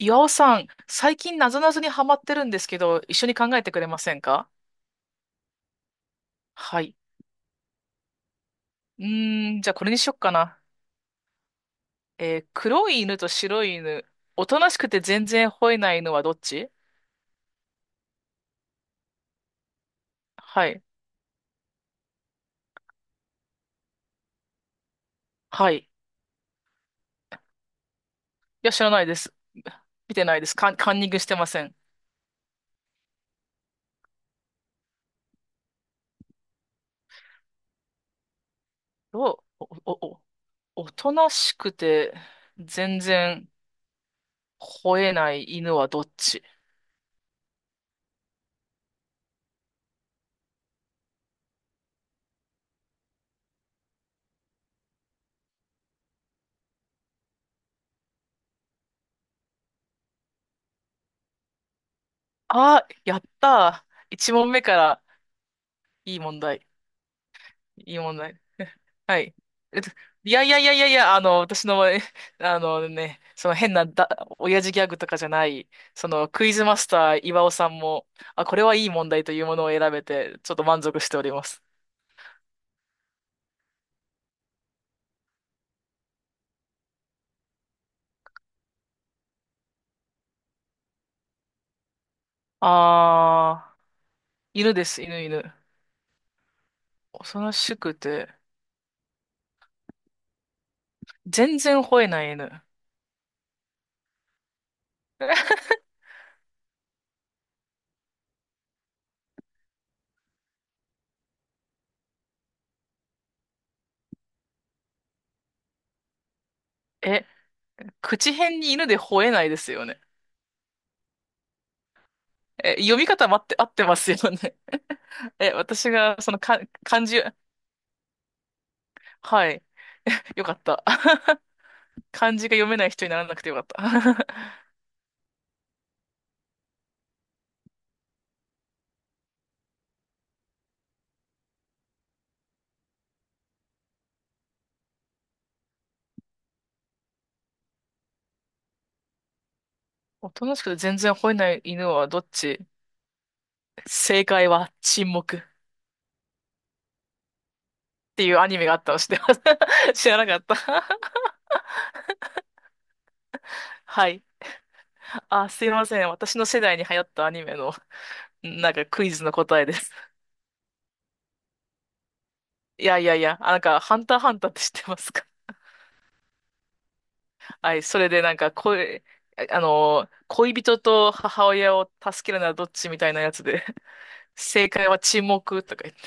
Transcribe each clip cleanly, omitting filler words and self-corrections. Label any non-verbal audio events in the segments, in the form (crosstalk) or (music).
岩尾さん、最近なぞなぞにハマってるんですけど、一緒に考えてくれませんか？はい。じゃあこれにしよっかな。黒い犬と白い犬。おとなしくて全然吠えない犬はどっち？はい。はい。いや、知らないです。見てないです。カンニングしてません。お、お、お、おとなしくて全然吠えない犬はどっち？あ、やったー。一問目からいい問題。いい問題。はい。えっと、いやいやいやいやいや、私の、(laughs) え、あのね、その変なだ、親父ギャグとかじゃない、そのクイズマスター岩尾さんも、あ、これはいい問題というものを選べて、ちょっと満足しております。あー、犬です、犬、犬。恐ろしくて、全然吠えない犬。(laughs) え、口辺に犬で吠えないですよね。え、読み方待って、合ってますよね。(laughs) え、私が、そのか、漢字、はい。(laughs) よかった。(laughs) 漢字が読めない人にならなくてよかった。(laughs) おとなしくて全然吠えない犬はどっち？正解は沈黙っていうアニメがあったの知ってます？ (laughs) 知らなかった？ (laughs) はい。あ、すいません。私の世代に流行ったアニメの、なんかクイズの答えです。いやいやいや、あ、なんか、ハンターハンターって知ってますか？はい。それでなんか、恋、あの、恋人と母親を助けるならどっちみたいなやつで、正解は沈黙とか言って、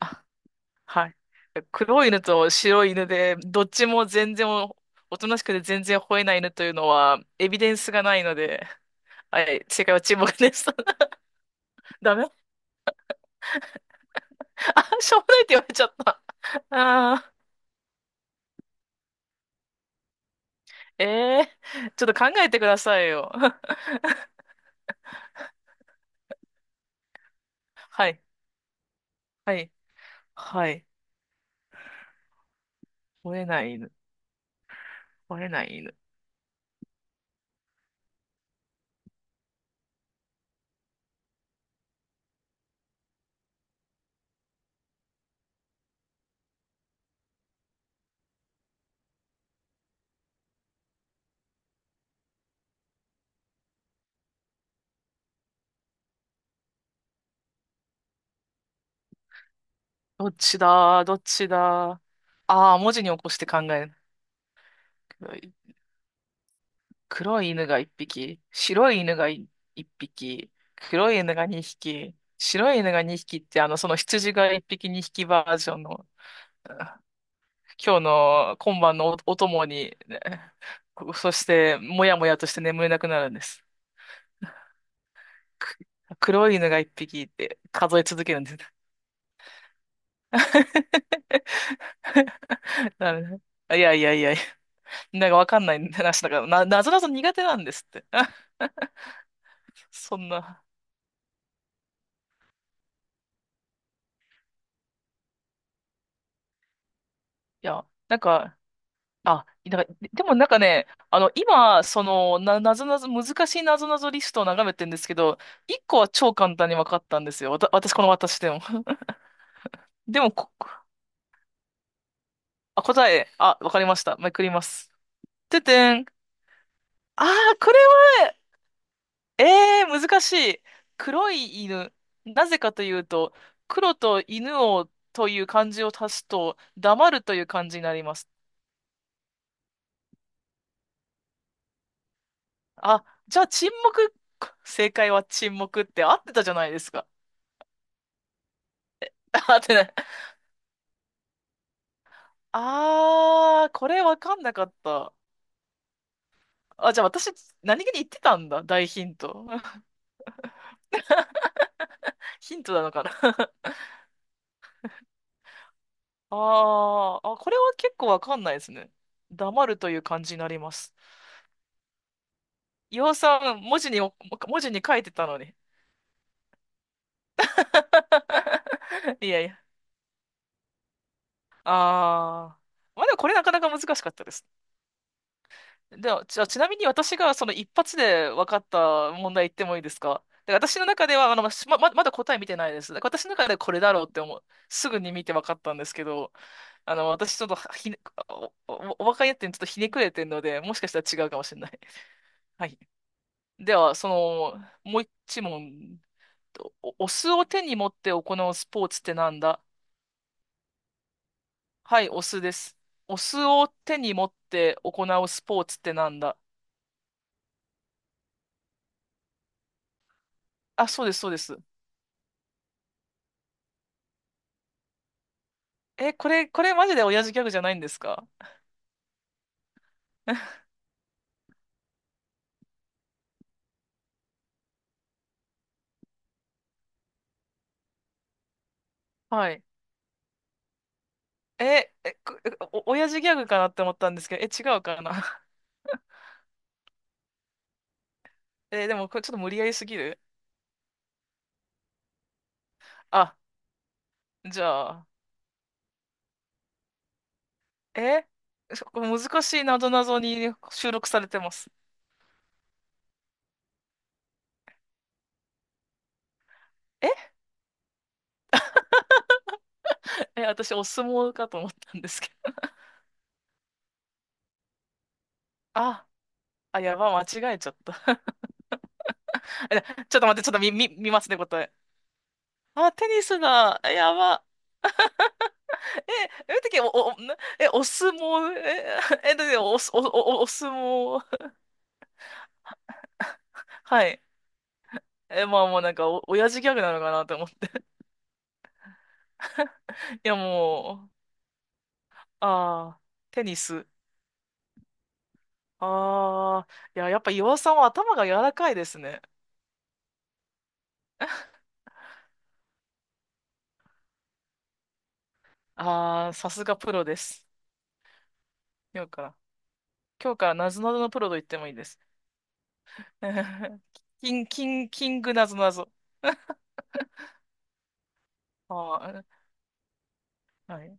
あ、はい。黒い犬と白い犬で、どっちも全然おとなしくて全然吠えない犬というのは、エビデンスがないので、はい、正解は沈黙です。(laughs) ダメ？あ、しょうもないって言われちゃった。(laughs) あー、えー、ちょっと考えてくださいよ。(laughs) はい、はい、はい。吠えない犬、吠えない犬。(laughs) どっちだ、どっちだ。ああ、文字に起こして考える。黒い犬が一匹、白い犬がい一匹、黒い犬が二匹、白い犬が二匹って、あの、その羊が一匹二匹バージョンの、あ、今日の今晩のお、お供に、ね。そして、もやもやとして眠れなくなるんです。く黒い犬が一匹って数え続けるんです。(laughs) なるほど、いやいやいやいやなんかわかんない話だから、なぞなぞ苦手なんですって。(laughs) そんな。いや、なんか、あ、なんか、でもなんかね、あの、今、その、なぞなぞ、難しいなぞなぞリストを眺めてるんですけど、一個は超簡単に分かったんですよ。私、この私でも。(laughs) でもこ、あ、答え、あ、わかりました。めくります。ててん。あー、これは、えー、難しい。黒い犬。なぜかというと、黒と犬をという漢字を足すと、黙るという漢字になります。あ、じゃあ沈黙、正解は沈黙って合ってたじゃないですか。(laughs) 合ってない。あー、これわかんなかった。あ、じゃあ私、何気に言ってたんだ。大ヒント。(laughs) ヒントなのかな。(laughs) あー、あ、これは結構わかんないですね。黙るという感じになります。岩尾さん、文字に書いてたのに。(laughs) いやいや。あー。まあでもこれなかなか難しかったです。では、じゃあ、ちなみに私がその一発で分かった問題言ってもいいですか？で、私の中では、あの、まだ答え見てないです。だから私の中でこれだろうって思う。すぐに見て分かったんですけど、あの、私ちょっとひね、お、お、お若いやってちょっとひねくれてるので、もしかしたら違うかもしれない。はい。では、その、もう一問。お酢を手に持って行うスポーツってなんだ？はい、お酢です。お酢を手に持って行うスポーツってなんだ？あ、そうです、そうです。え、これ、これマジで親父ギャグじゃないんですか？ (laughs) はい。え、え、くお、親父ギャグかなって思ったんですけど、え、違うかな？ (laughs) え、でもこれちょっと無理やりすぎる？あ、じゃあ、え、そこ難しいなぞなぞに収録されてます。え、え、私お相撲かと思ったんですけど。あ、あ、やば、間違えちゃった。(laughs) え、ちょっと待って、ちょっと見ますね、答え。あ、テニスだ。やば。え、え、てき、お、お、なえ、お相撲、え、(laughs) え、だってお相撲。(laughs) はい。え、まあもうなんかお、親父ギャグなのかなと思って。(laughs) いやもう、ああ、テニス。ああ、いや、やっぱ岩尾さんは頭が柔らかいですね。(laughs) ああ、さすがプロです。今日から、今日からなぞなぞのプロと言ってもいいです。(laughs) キングなぞなぞ。ああ、はい。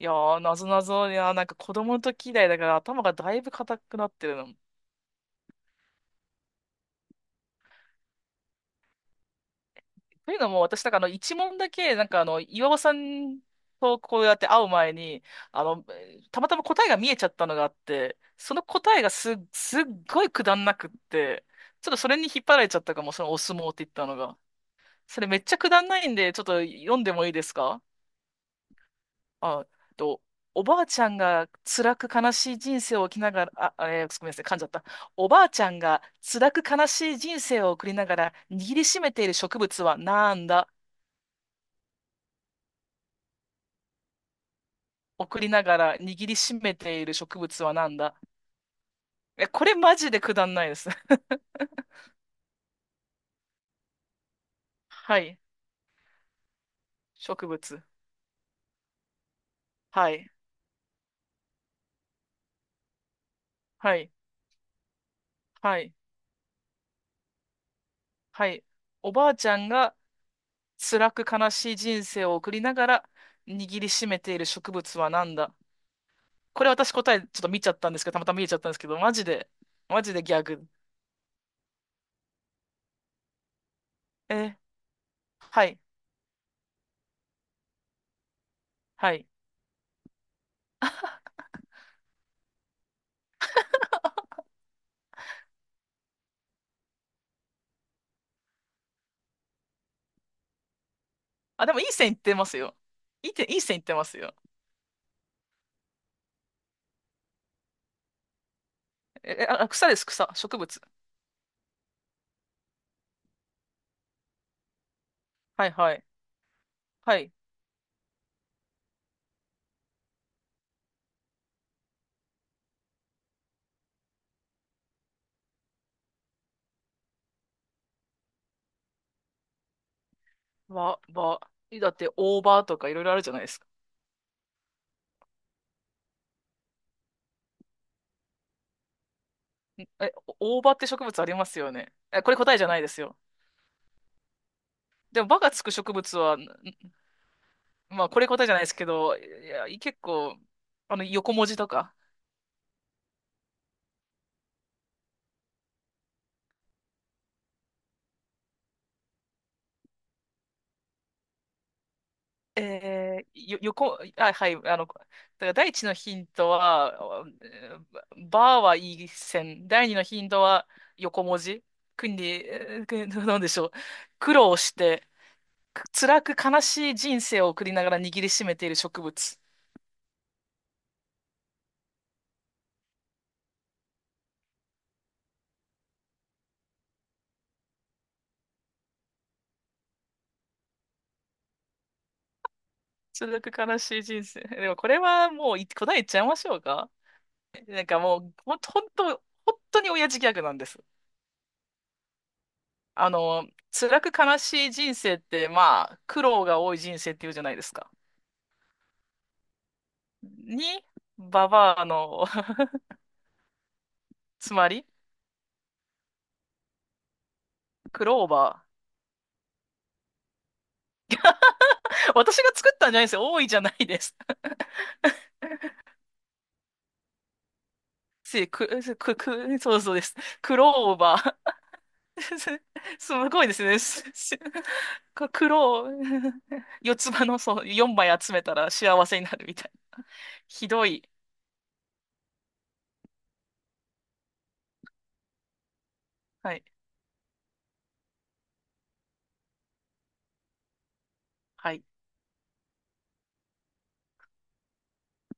いやー、なぞなぞ、いやー、なんか子供の時以来だから頭がだいぶ硬くなってるの。というのも、私、なんかあの、一問だけ、なんかあの、岩尾さんとこうやって会う前に、あの、たまたま答えが見えちゃったのがあって、その答えがすっごいくだんなくって、ちょっとそれに引っ張られちゃったかも、そのお相撲って言ったのが。それめっちゃくだんないんで、ちょっと読んでもいいですか？あ、えっと、おばあちゃんが辛く悲しい人生を生きながら、あ、えーごめんなさい、噛んじゃった。おばあちゃんが辛く悲しい人生を送りながら握りしめている植物はなんだ？送りながら握りしめている植物は何だ？え、これマジでくだんないです。(laughs) はい。植物。はい。はい。はい。はい。おばあちゃんが辛く悲しい人生を送りながら握りしめている植物は何だ？これ私答えちょっと見ちゃったんですけど、たまたま見えちゃったんですけど、マジで、マジでギャグ。え、はい。はい。あ、でもいい線いってますよ。いい点、いい線いってますよ。草です、草。植物。はいはい。はい。わ、ば、えだって大葉とかいろいろあるじゃないですか。え、大葉って植物ありますよね。え、これ答えじゃないですよ。でも、ばがつく植物は、ん、まあ、これ答えじゃないですけど、結構、あの、横文字とか。あ、はい、あの、だから第一のヒントは、えーばはいい線。第二のヒントは横文字。国に、えーくなんでしょう。苦労して、辛く悲しい人生を送りながら握りしめている植物。続く悲しい人生。(laughs) でもこれはもう答え言っちゃいましょうか。なんかもう、ほんと、本当に親父ギャグなんです。あの、辛く悲しい人生って、まあ、苦労が多い人生っていうじゃないですか。に、ババアの、(laughs) つまり、クローバー。私が作ったんじゃないですよ。多いじゃないです。せ、く、せくく、そうそうです。クローバー。(laughs) すごいですね。(laughs) すすかクロー、(laughs) 四つ葉の、そう、4枚集めたら幸せになるみたいな。ひどい。はい。はい。